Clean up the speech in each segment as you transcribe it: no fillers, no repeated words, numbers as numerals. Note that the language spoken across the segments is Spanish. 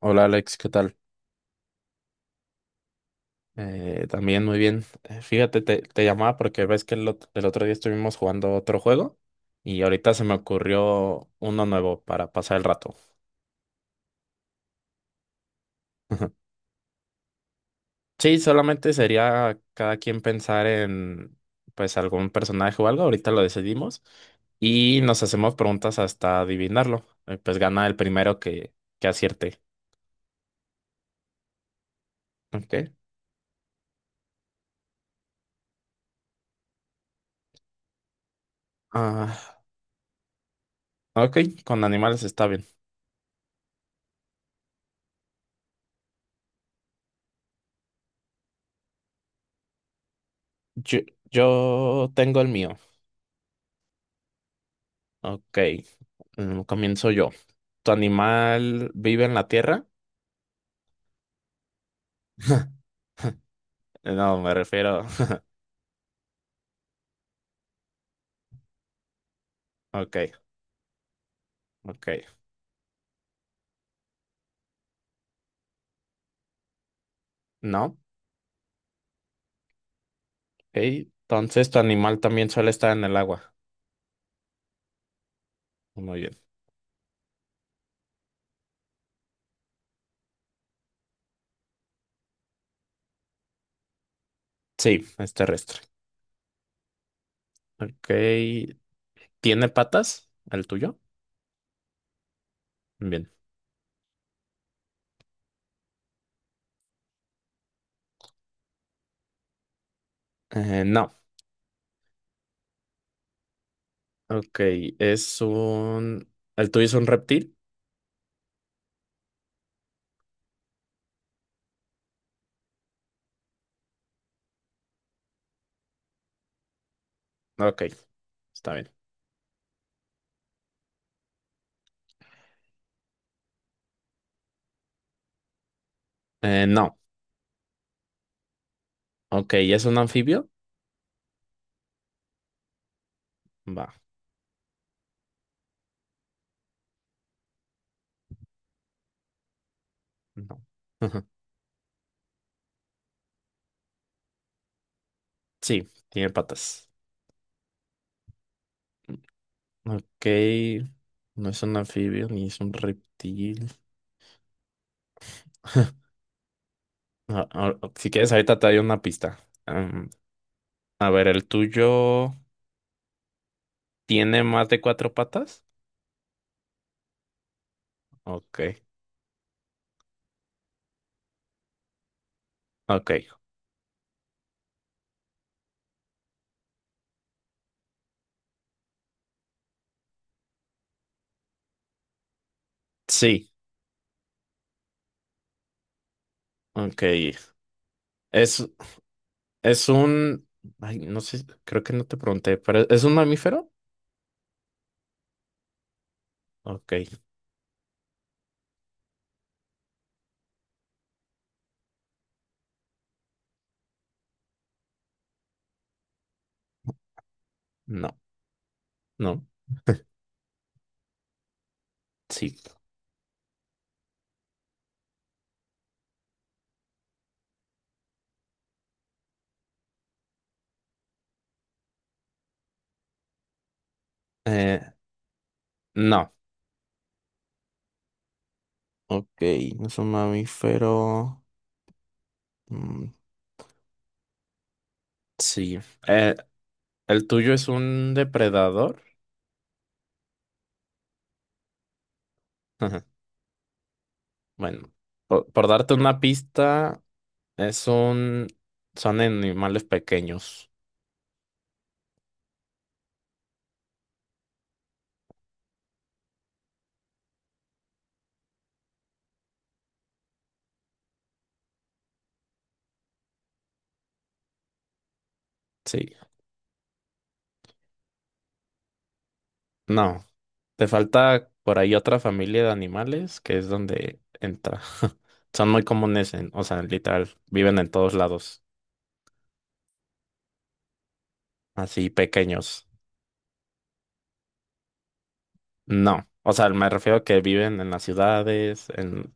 Hola Alex, ¿qué tal? También muy bien. Fíjate, te llamaba porque ves que el otro día estuvimos jugando otro juego y ahorita se me ocurrió uno nuevo para pasar el rato. Sí, solamente sería cada quien pensar en pues algún personaje o algo, ahorita lo decidimos y nos hacemos preguntas hasta adivinarlo. Pues gana el primero que acierte. Ok. Ah, ok, con animales está bien. Yo, yo tengo el mío. Ok, comienzo yo. ¿Tu animal vive en la tierra? No, me refiero. Ok, ok. No, ok. Entonces, ¿tu animal también suele estar en el agua? Muy bien. Sí, es terrestre. Ok. ¿Tiene patas? ¿El tuyo? Bien. No. Ok, es un... ¿El tuyo es un reptil? Ok, está bien. No. Ok, ¿es un anfibio? Va, no. Sí, tiene patas. Ok, no es un anfibio ni es un reptil. Ah, ah, si quieres, ahorita te doy una pista. Am, a ver, ¿el tuyo tiene más de cuatro patas? Ok, ok, sí, ok. Es, es un... Ay, no sé, creo que no te pregunté, pero ¿es un mamífero? Ok, no, no, sí. Eh, no, ok, no es un mamífero. Mm, sí. Eh, ¿El tuyo es un depredador? Bueno, por darte una pista, es un, son animales pequeños. Sí, no, te falta por ahí otra familia de animales que es donde entra. Son muy comunes en, o sea, literal, viven en todos lados, así pequeños. No, o sea, me refiero a que viven en las ciudades, en,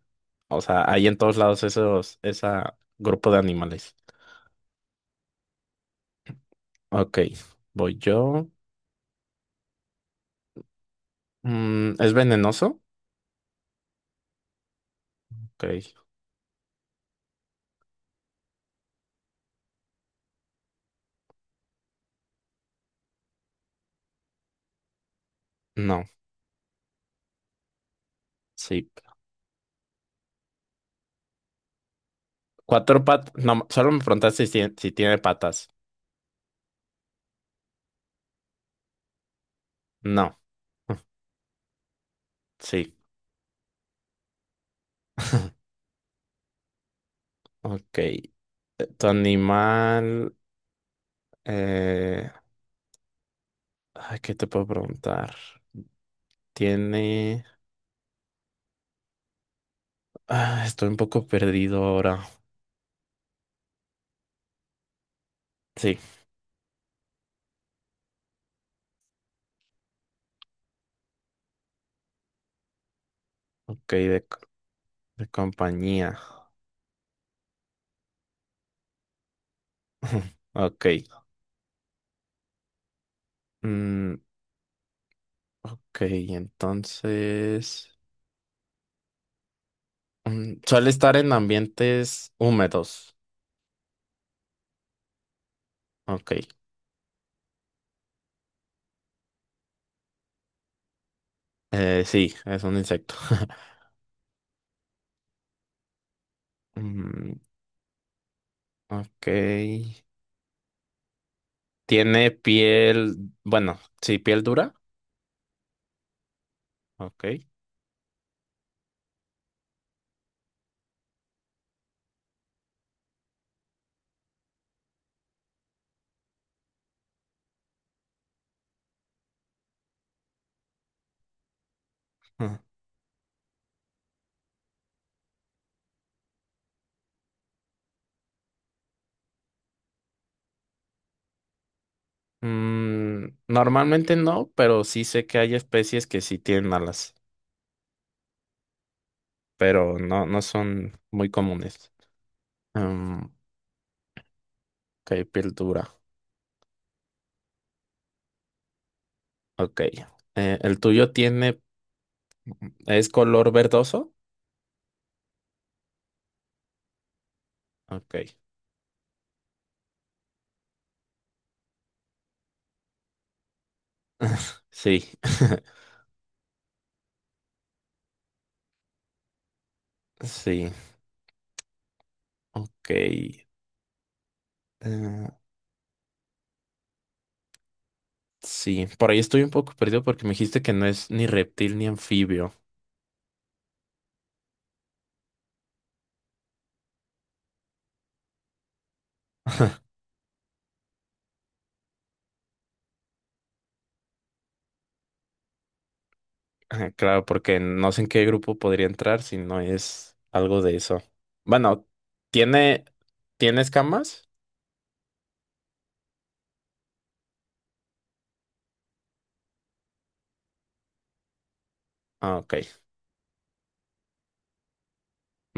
o sea, hay en todos lados esa grupo de animales. Ok, voy yo. ¿Es venenoso? Ok, no, sí. Cuatro patas. No, solo me preguntaste si tiene patas. No. Sí. Ok. Tu animal. eh, Ay, ¿qué te puedo preguntar? Tiene. Ah, estoy un poco perdido ahora. Sí. Ok, de compañía. Ok. Mm, ok, entonces. Suele estar en ambientes húmedos. Ok. Sí, es un insecto. Mm, ok. Tiene piel, bueno, sí, piel dura. Ok. Ah. Mm, normalmente no, pero sí sé que hay especies que sí tienen alas, pero no, no son muy comunes. Mm, ok, piel dura. Ok. ¿El tuyo es color verdoso? Ok. Sí, sí. Ok. Sí, por ahí estoy un poco perdido porque me dijiste que no es ni reptil ni anfibio. Ajá, claro, porque no sé en qué grupo podría entrar si no es algo de eso. Bueno, ¿tiene, ¿tiene escamas? Ah, ok,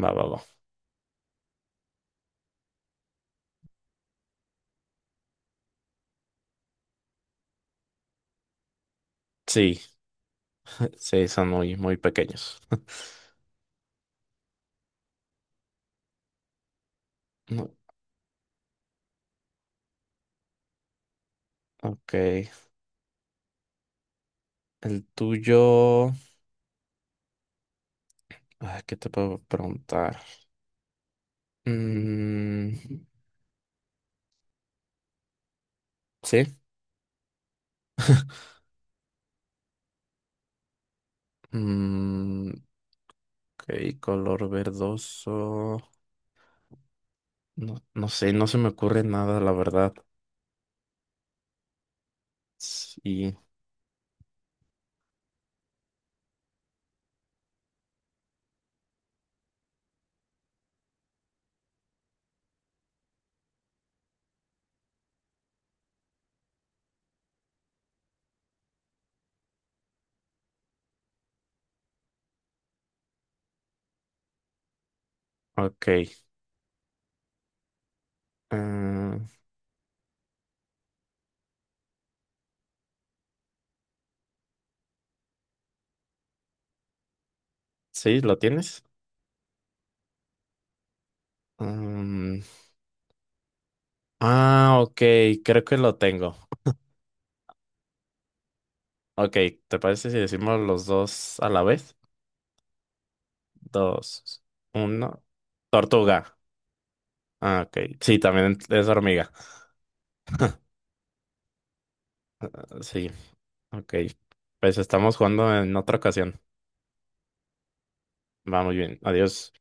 va, va, va. Sí, sí, son muy, muy pequeños. No, ok, el tuyo. ¿Qué te puedo preguntar? Mm, sí. Mm, ok, color verdoso. No, no sé, no se me ocurre nada, la verdad. Sí, ok. ah, sí, ¿lo tienes? Mm, ah, ok, creo que lo tengo. Ok, ¿te parece si decimos los dos a la vez? Dos, uno. Tortuga. Ah, ok. Sí, también es hormiga. Sí, ok. Pues estamos jugando en otra ocasión. Va muy bien. Adiós.